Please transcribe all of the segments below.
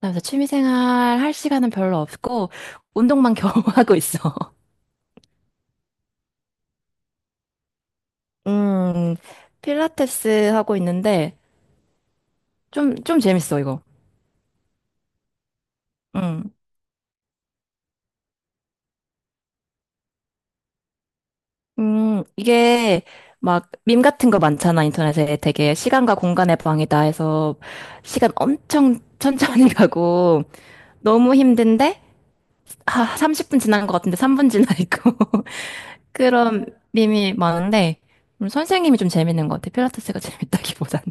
그래서 취미생활 할 시간은 별로 없고 운동만 겨우 하고 있어. 음, 필라테스 하고 있는데 좀 재밌어, 이거. 음, 이게 막 밈 같은 거 많잖아, 인터넷에. 되게 시간과 공간의 방이다 해서 시간 엄청 천천히 가고 너무 힘든데 30분 지난 것 같은데 3분 지나 있고 그런 밈이 많은데 선생님이 좀 재밌는 것 같아. 필라테스가 재밌다기보다는.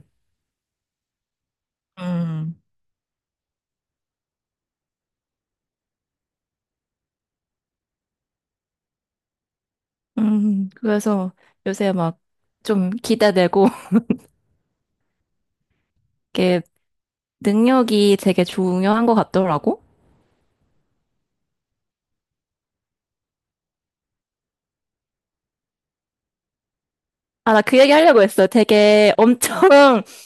음. 그래서 요새 막 좀 기대되고, 이게 능력이 되게 중요한 것 같더라고. 아, 나 그 얘기 하려고 했어. 되게 엄청,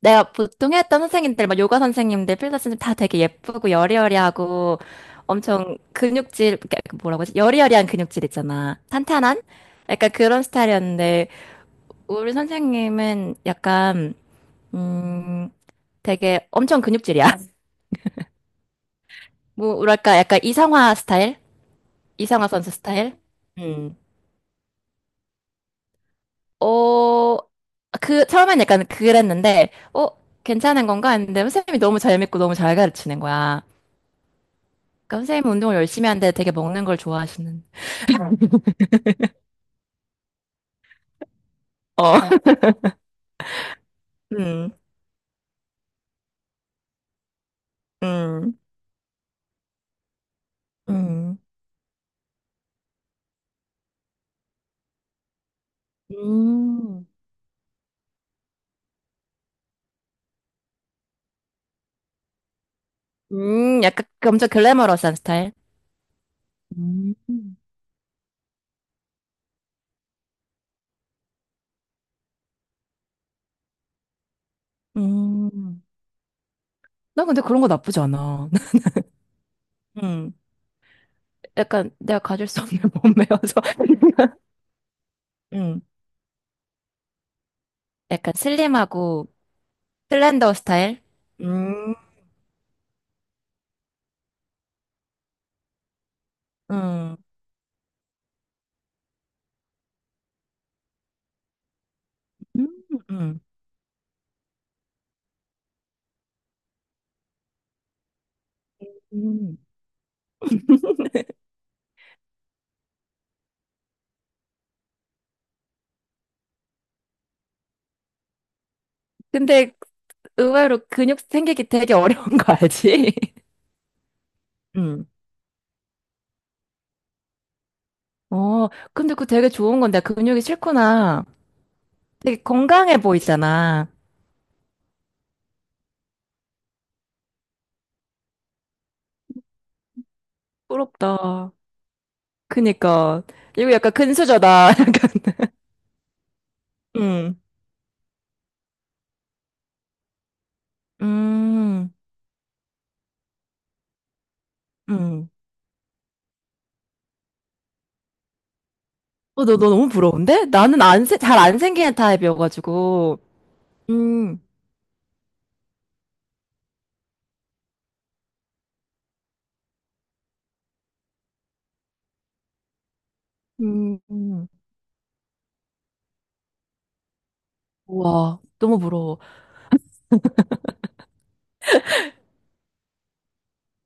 내가 보통 했던 선생님들, 막 요가 선생님들, 필라테스 선생님 다 되게 예쁘고 여리여리하고 엄청 근육질, 그러니까 그 뭐라고 하지? 여리여리한 근육질 있잖아. 탄탄한? 약간 그런 스타일이었는데, 우리 선생님은 약간, 음, 되게 엄청 근육질이야. 뭐랄까, 약간 이성화 스타일? 이상화 선수 스타일? 음. 어, 처음엔 약간 그랬는데, 어, 괜찮은 건가 했는데, 선생님이 너무 잘 믿고 너무 잘 가르치는 거야. 그러니까 선생님 운동을 열심히 하는데 되게 먹는 걸 좋아하시는. 어, 음, 음, 음. 음. 약간 그 엄청 글래머러스한 스타일? 음. 음. 나 근데 그런 거 나쁘지 않아. 음. 약간 내가 가질 수 없는 몸매여서. 음. 약간 슬림하고, 슬렌더 스타일? 음, 음, 음. 음. 근데 의외로 근육 생기기 되게 어려운 거 알지? 음. 어, 근데 그거 되게 좋은 건데 근육이 싫구나. 되게 건강해 보이잖아. 부럽다. 그니까. 이거 약간 근수저다. 약간. 음, 음. 음, 어, 너 너무 부러운데? 나는 안, 잘 안 생기는 타입이어가지고. 음, 음. 우와, 너무 부러워.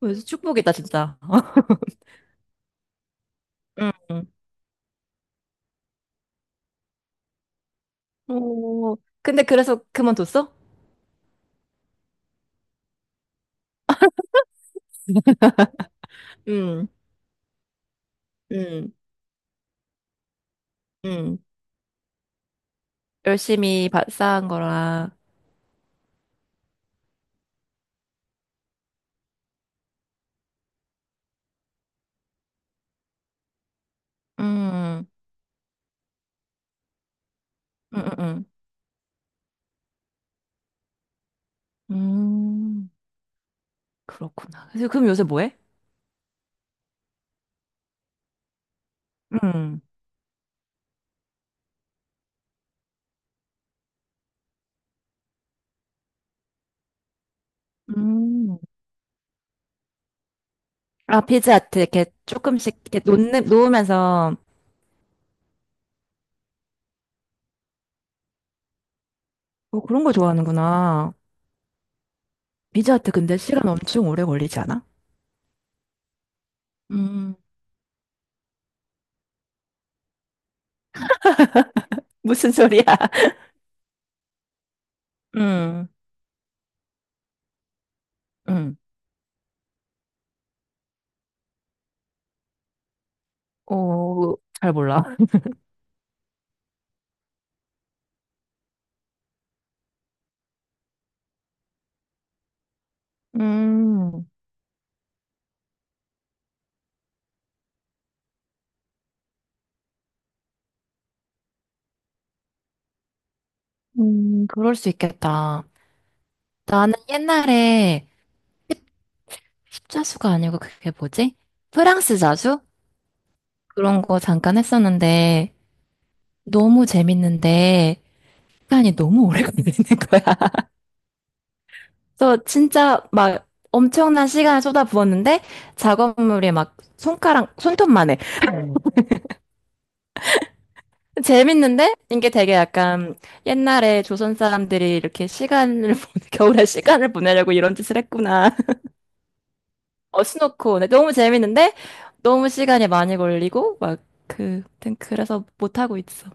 그래서 축복이다, 진짜. 응, 오, 근데 그래서 그만뒀어? 응, 응, 응. 열심히 쌓은 거라. 응, 응, 응, 응 음, 그렇구나. 그래서 그럼 요새 뭐 해? 응. 음. 아, 비즈아트 이렇게 조금씩 이렇게 놓으면서 뭐 그런 거 좋아하는구나. 비즈아트 근데 시간 엄청 오래 걸리지 않아? 음, 무슨 소리야? 응, 응. 오 잘 몰라. 음. 그럴 수 있겠다. 나는 옛날에 십자수가 아니고 그게 뭐지? 프랑스 자수? 그런 거 잠깐 했었는데 너무 재밌는데 시간이 너무 오래 걸리는 거야. 그래서 진짜 막 엄청난 시간을 쏟아부었는데 작업물이 막 손가락, 손톱만 해. 재밌는데 이게 되게 약간 옛날에 조선 사람들이 이렇게 시간을 보내, 겨울에 시간을 보내려고 이런 짓을 했구나. 어, 스노코. 네, 너무 재밌는데 너무 시간이 많이 걸리고 막 아무튼 그래서 못 하고 있어.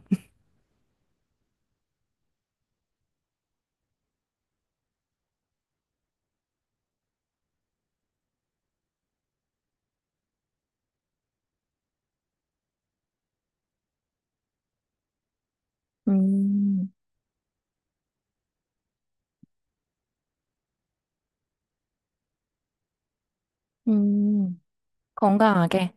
음, 음, 건강하게.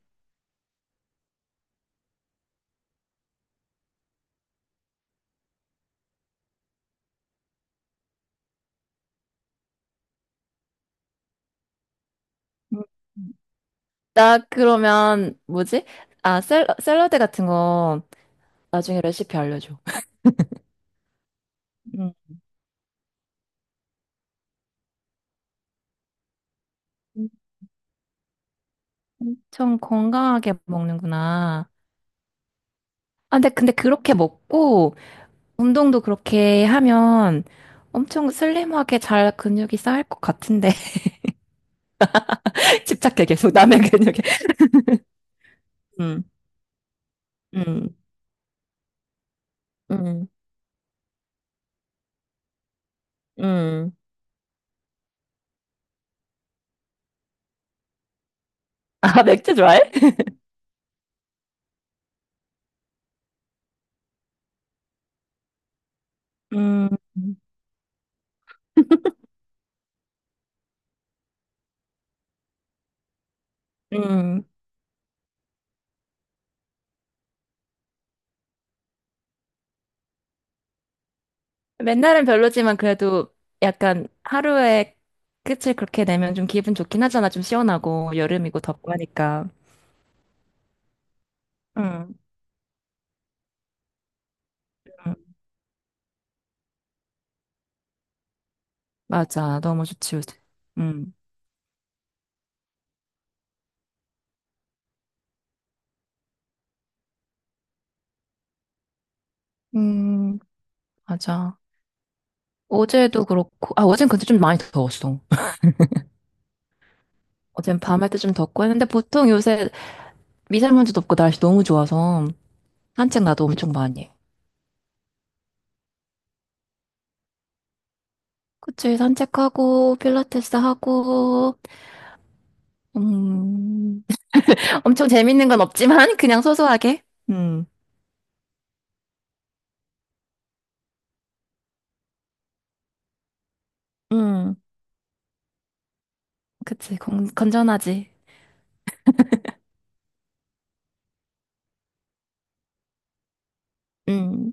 음. 나 그러면 뭐지? 아, 샐러드 같은 거 나중에 레시피 알려줘. 음. 엄청 건강하게 먹는구나. 아, 근데 그렇게 먹고 운동도 그렇게 하면 엄청 슬림하게 잘 근육이 쌓일 것 같은데. 집착해 계속 남의 근육에. 음, 음. 음. 음, 아, 맥주 좋아해? 음, 음. 맨날은 별로지만 그래도 약간 하루에 끝을 그렇게 내면 좀 기분 좋긴 하잖아. 좀 시원하고 여름이고 덥고 하니까. 음, 음, 맞아. 너무 좋지, 요새. 음. 음, 맞아. 어제도 그렇고, 아, 어젠 근데 좀 많이 더웠어. 어젠 밤할 때 좀 덥고 했는데 보통 요새 미세먼지도 없고 날씨 너무 좋아서 산책 나도 엄청 많이 해. 그치, 산책하고, 필라테스 하고, 음, 엄청 재밌는 건 없지만 그냥 소소하게. 음, 음, 그치. 건전하지. 음,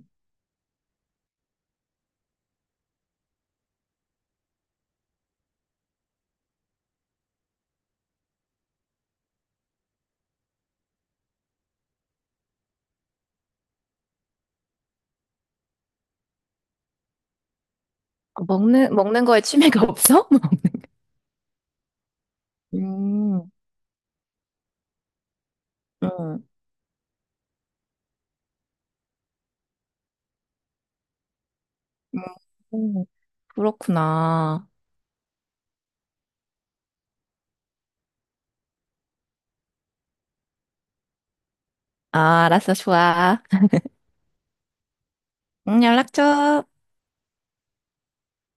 어, 먹는 거에 취미가 없어? 음, 음, 음, 그렇구나. 아, 알았어, 좋아. 응 연락 줘.